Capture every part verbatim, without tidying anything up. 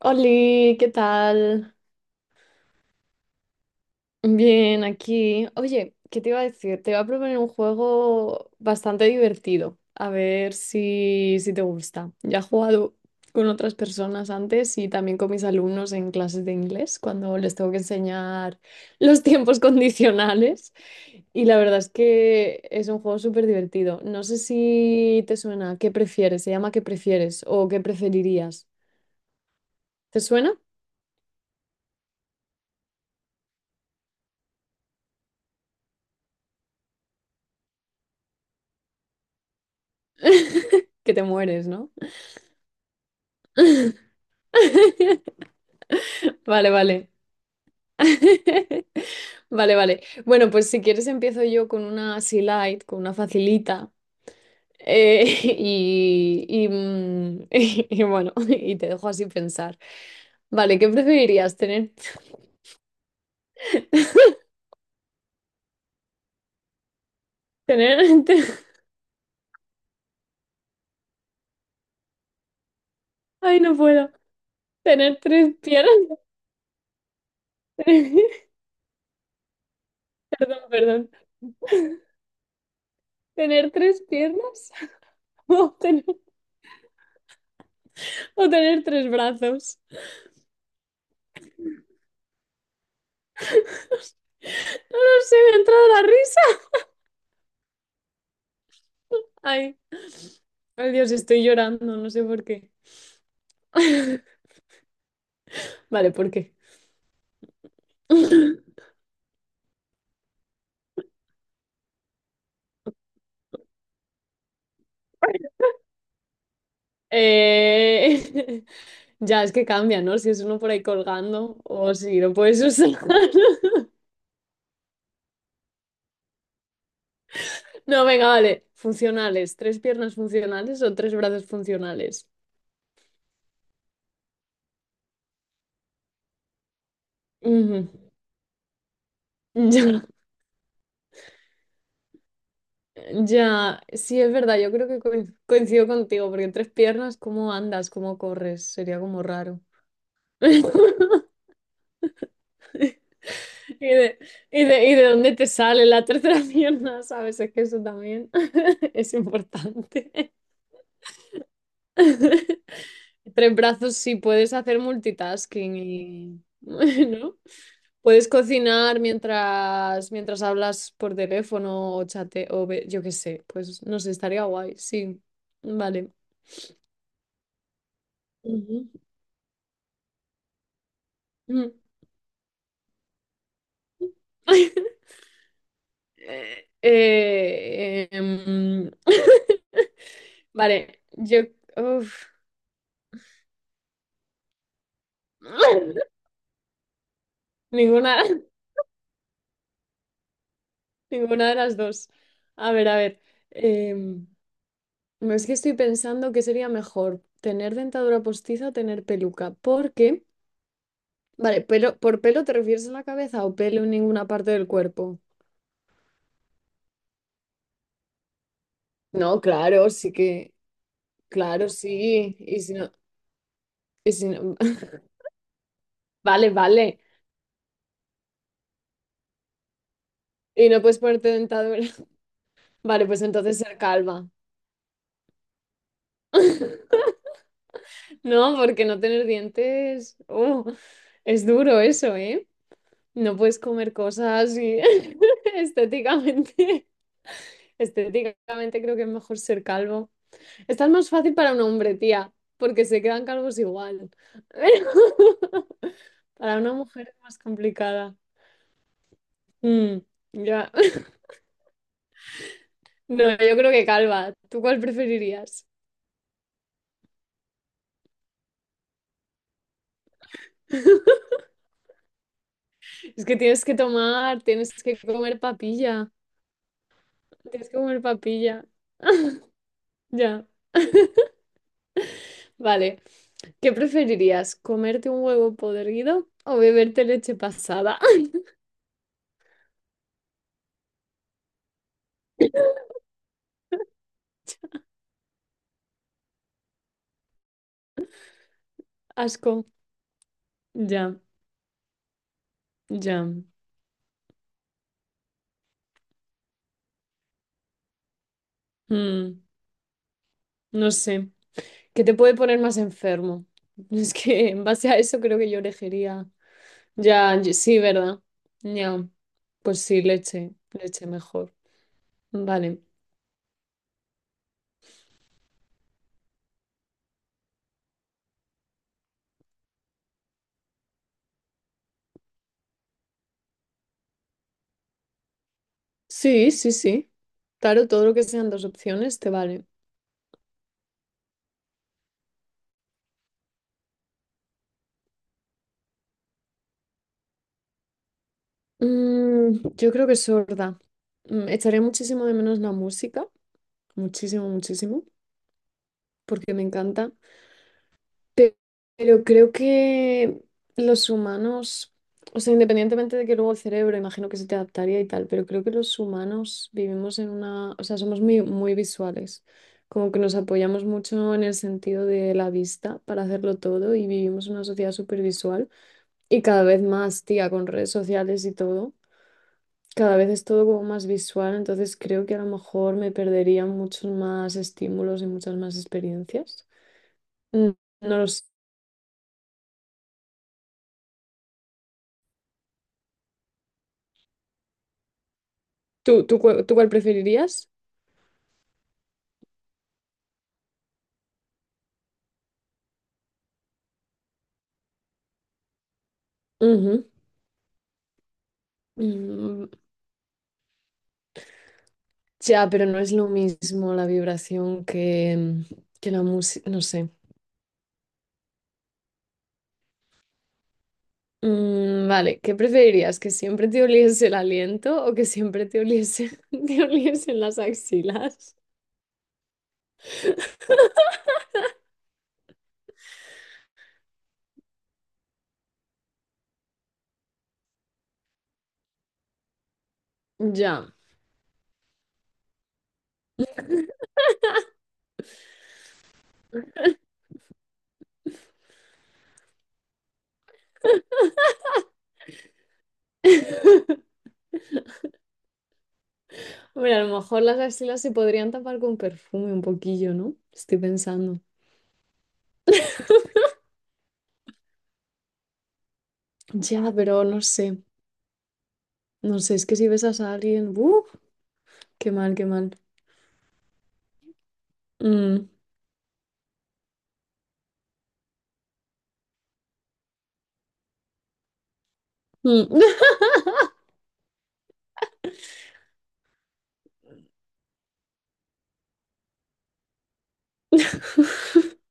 Oli, ¿qué tal? Bien, aquí. Oye, ¿qué te iba a decir? Te iba a proponer un juego bastante divertido. A ver si, si te gusta. Ya he jugado con otras personas antes y también con mis alumnos en clases de inglés cuando les tengo que enseñar los tiempos condicionales. Y la verdad es que es un juego súper divertido. No sé si te suena. ¿Qué prefieres? Se llama ¿Qué prefieres? O ¿Qué preferirías? ¿Te suena? Que te mueres, ¿no? Vale, vale. Vale, vale. Bueno, pues si quieres empiezo yo con una así light, con una facilita. eh, y, y, mm, y bueno, y te dejo así pensar. Vale, ¿qué preferirías? ¿Tener, tener, te- ay, no puedo. ¿Tener tres piernas? Perdón, perdón. ¿Tener tres piernas? ¿O tener, o tener tres brazos? No lo sé, me ha entrado la risa. Ay, ay Dios, estoy llorando, no sé por qué. Vale, ¿por qué? Eh, Ya, es que cambia, ¿no? Si es uno por ahí colgando o si lo puedes usar. No, venga, vale. Funcionales. ¿Tres piernas funcionales o tres brazos funcionales? Ujú. Ya, ya. Sí, es verdad. Yo creo que coin- coincido contigo porque tres piernas, ¿cómo andas? ¿Cómo corres? Sería como raro. ¿Y de, y de, y de dónde te sale la tercera pierna? ¿Sabes? Es que eso también es importante. Tres brazos sí puedes hacer multitasking y, ¿no? Puedes cocinar mientras, mientras hablas por teléfono o chate o ve- yo qué sé. Pues no sé, estaría guay, sí. Vale. Ujú. Mm. Eh, eh, em, vale, yo... uf. Ninguna. Ninguna de las dos. A ver, a ver. em, no es que estoy pensando que sería mejor tener dentadura postiza o tener peluca. Porque, vale, pelo, ¿por pelo te refieres a la cabeza o pelo en ninguna parte del cuerpo? No, claro, sí que, claro, sí. Y si no, y si no, vale, vale. Y no puedes ponerte dentadura. Vale, pues entonces ser calva. No, porque no tener dientes, oh, es duro eso, ¿eh? No puedes comer cosas y estéticamente, estéticamente creo que es mejor ser calvo. Esta es más fácil para un hombre, tía, porque se quedan calvos igual. Pero para una mujer es más complicada. Mm, ya. No, yo creo que calva. ¿Tú cuál preferirías? Es que tienes que tomar, tienes que comer papilla. Tienes que comer papilla. Ya. Vale. ¿Qué preferirías? ¿Comerte un huevo podrido o beberte leche pasada? Asco. Ya, ya. Mm, no sé. ¿Qué te puede poner más enfermo? Es que en base a eso creo que yo elegiría. Ya, ye- sí, ¿verdad? Ya. Pues sí, leche. Leche mejor. Vale. Sí, sí, sí. Claro, todo lo que sean dos opciones te vale. Mm, yo creo que sorda. Mm, echaré muchísimo de menos la música. Muchísimo, muchísimo. Porque me encanta. Pe- Pero creo que los humanos, o sea, independientemente de que luego el cerebro, imagino que se te adaptaría y tal, pero creo que los humanos vivimos en una, o sea, somos muy, muy visuales, como que nos apoyamos mucho en el sentido de la vista para hacerlo todo y vivimos una sociedad súper visual y cada vez más, tía, con redes sociales y todo, cada vez es todo como más visual, entonces creo que a lo mejor me perdería muchos más estímulos y muchas más experiencias. Mm, No lo sé. ¿Tú, tú, cuál- tú cuál preferirías? Ujú. Mm, ya, pero no es lo mismo la vibración que, que la música, no sé. Mm, vale, ¿qué preferirías? ¿Que siempre te oliese el aliento o que siempre te oliese, te oliesen las axilas? Ya. Bueno, a lo mejor las axilas se podrían tapar con perfume un poquillo, ¿no? Estoy pensando. Ya, pero no sé. No sé, es que si besas a alguien, ¡uh! Qué mal, qué mal. Mm. Mm.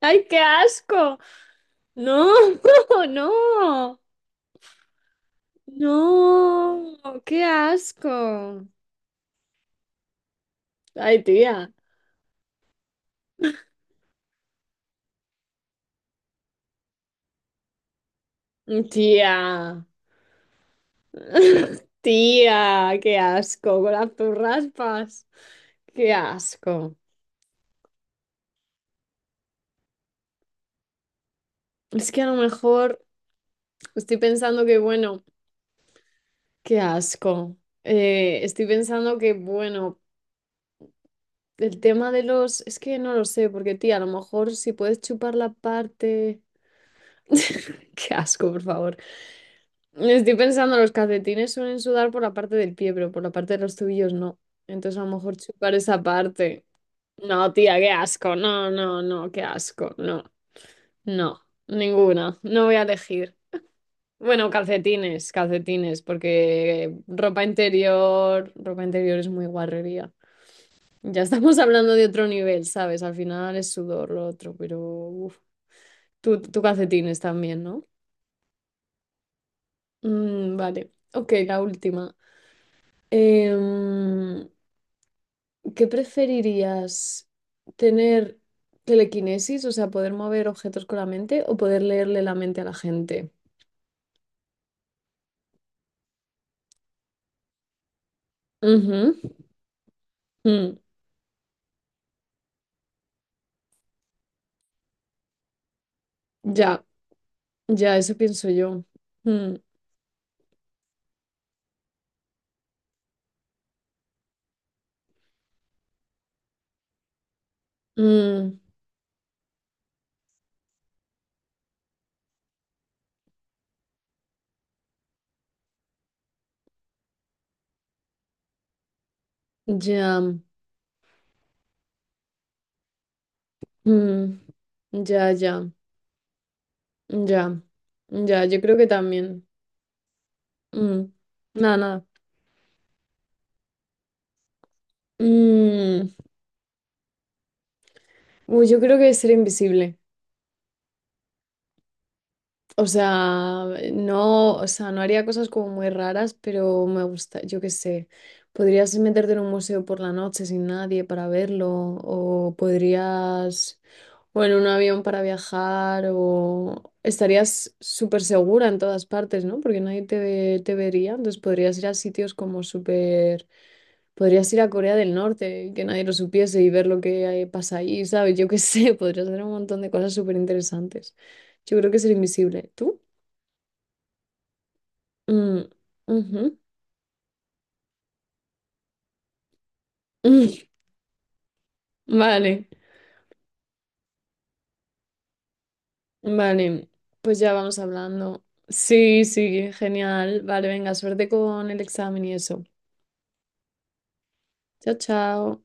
¡Ay, qué asco! No, no, no, qué asco. Ay, tía, tía, tía, qué asco con las raspas. Qué asco. Es que a lo mejor estoy pensando que, bueno, qué asco. Eh, estoy pensando que, bueno, el tema de los. Es que no lo sé, porque, tía, a lo mejor si puedes chupar la parte. Qué asco, por favor. Estoy pensando, los calcetines suelen sudar por la parte del pie, pero por la parte de los tobillos no. Entonces a lo mejor chupar esa parte. No, tía, qué asco. No, no, no, qué asco. No, no, ninguna. No voy a elegir. Bueno, calcetines, calcetines, porque ropa interior, ropa interior es muy guarrería. Ya estamos hablando de otro nivel, ¿sabes? Al final es sudor lo otro, pero uf. Tú, tú calcetines también, ¿no? Mm, vale. Ok, la última. Em, ¿Qué preferirías? ¿Tener telequinesis, o sea, poder mover objetos con la mente o poder leerle la mente a la gente? Ujú, mm, Ya, ya, eso pienso yo. Mm, mm, Ya, mm, ya, ya, ya, ya, yo creo que también. Mm, Nada, nada. Mm, uy, yo creo que ser invisible. O sea, no, o sea, no haría cosas como muy raras, pero me gusta, yo qué sé. Podrías meterte en un museo por la noche sin nadie para verlo, o podrías, o en un avión para viajar, o estarías súper segura en todas partes, ¿no? Porque nadie te, ve- te vería, entonces podrías ir a sitios como súper, podrías ir a Corea del Norte, y que nadie lo supiese y ver lo que hay- pasa ahí, ¿sabes? Yo qué sé, podrías hacer un montón de cosas súper interesantes. Yo creo que ser invisible. ¿Tú? Mm, ujú. Mm, Vale, vale. Pues ya vamos hablando. Sí, sí, genial. Vale, venga, suerte con el examen y eso. Chao, chao.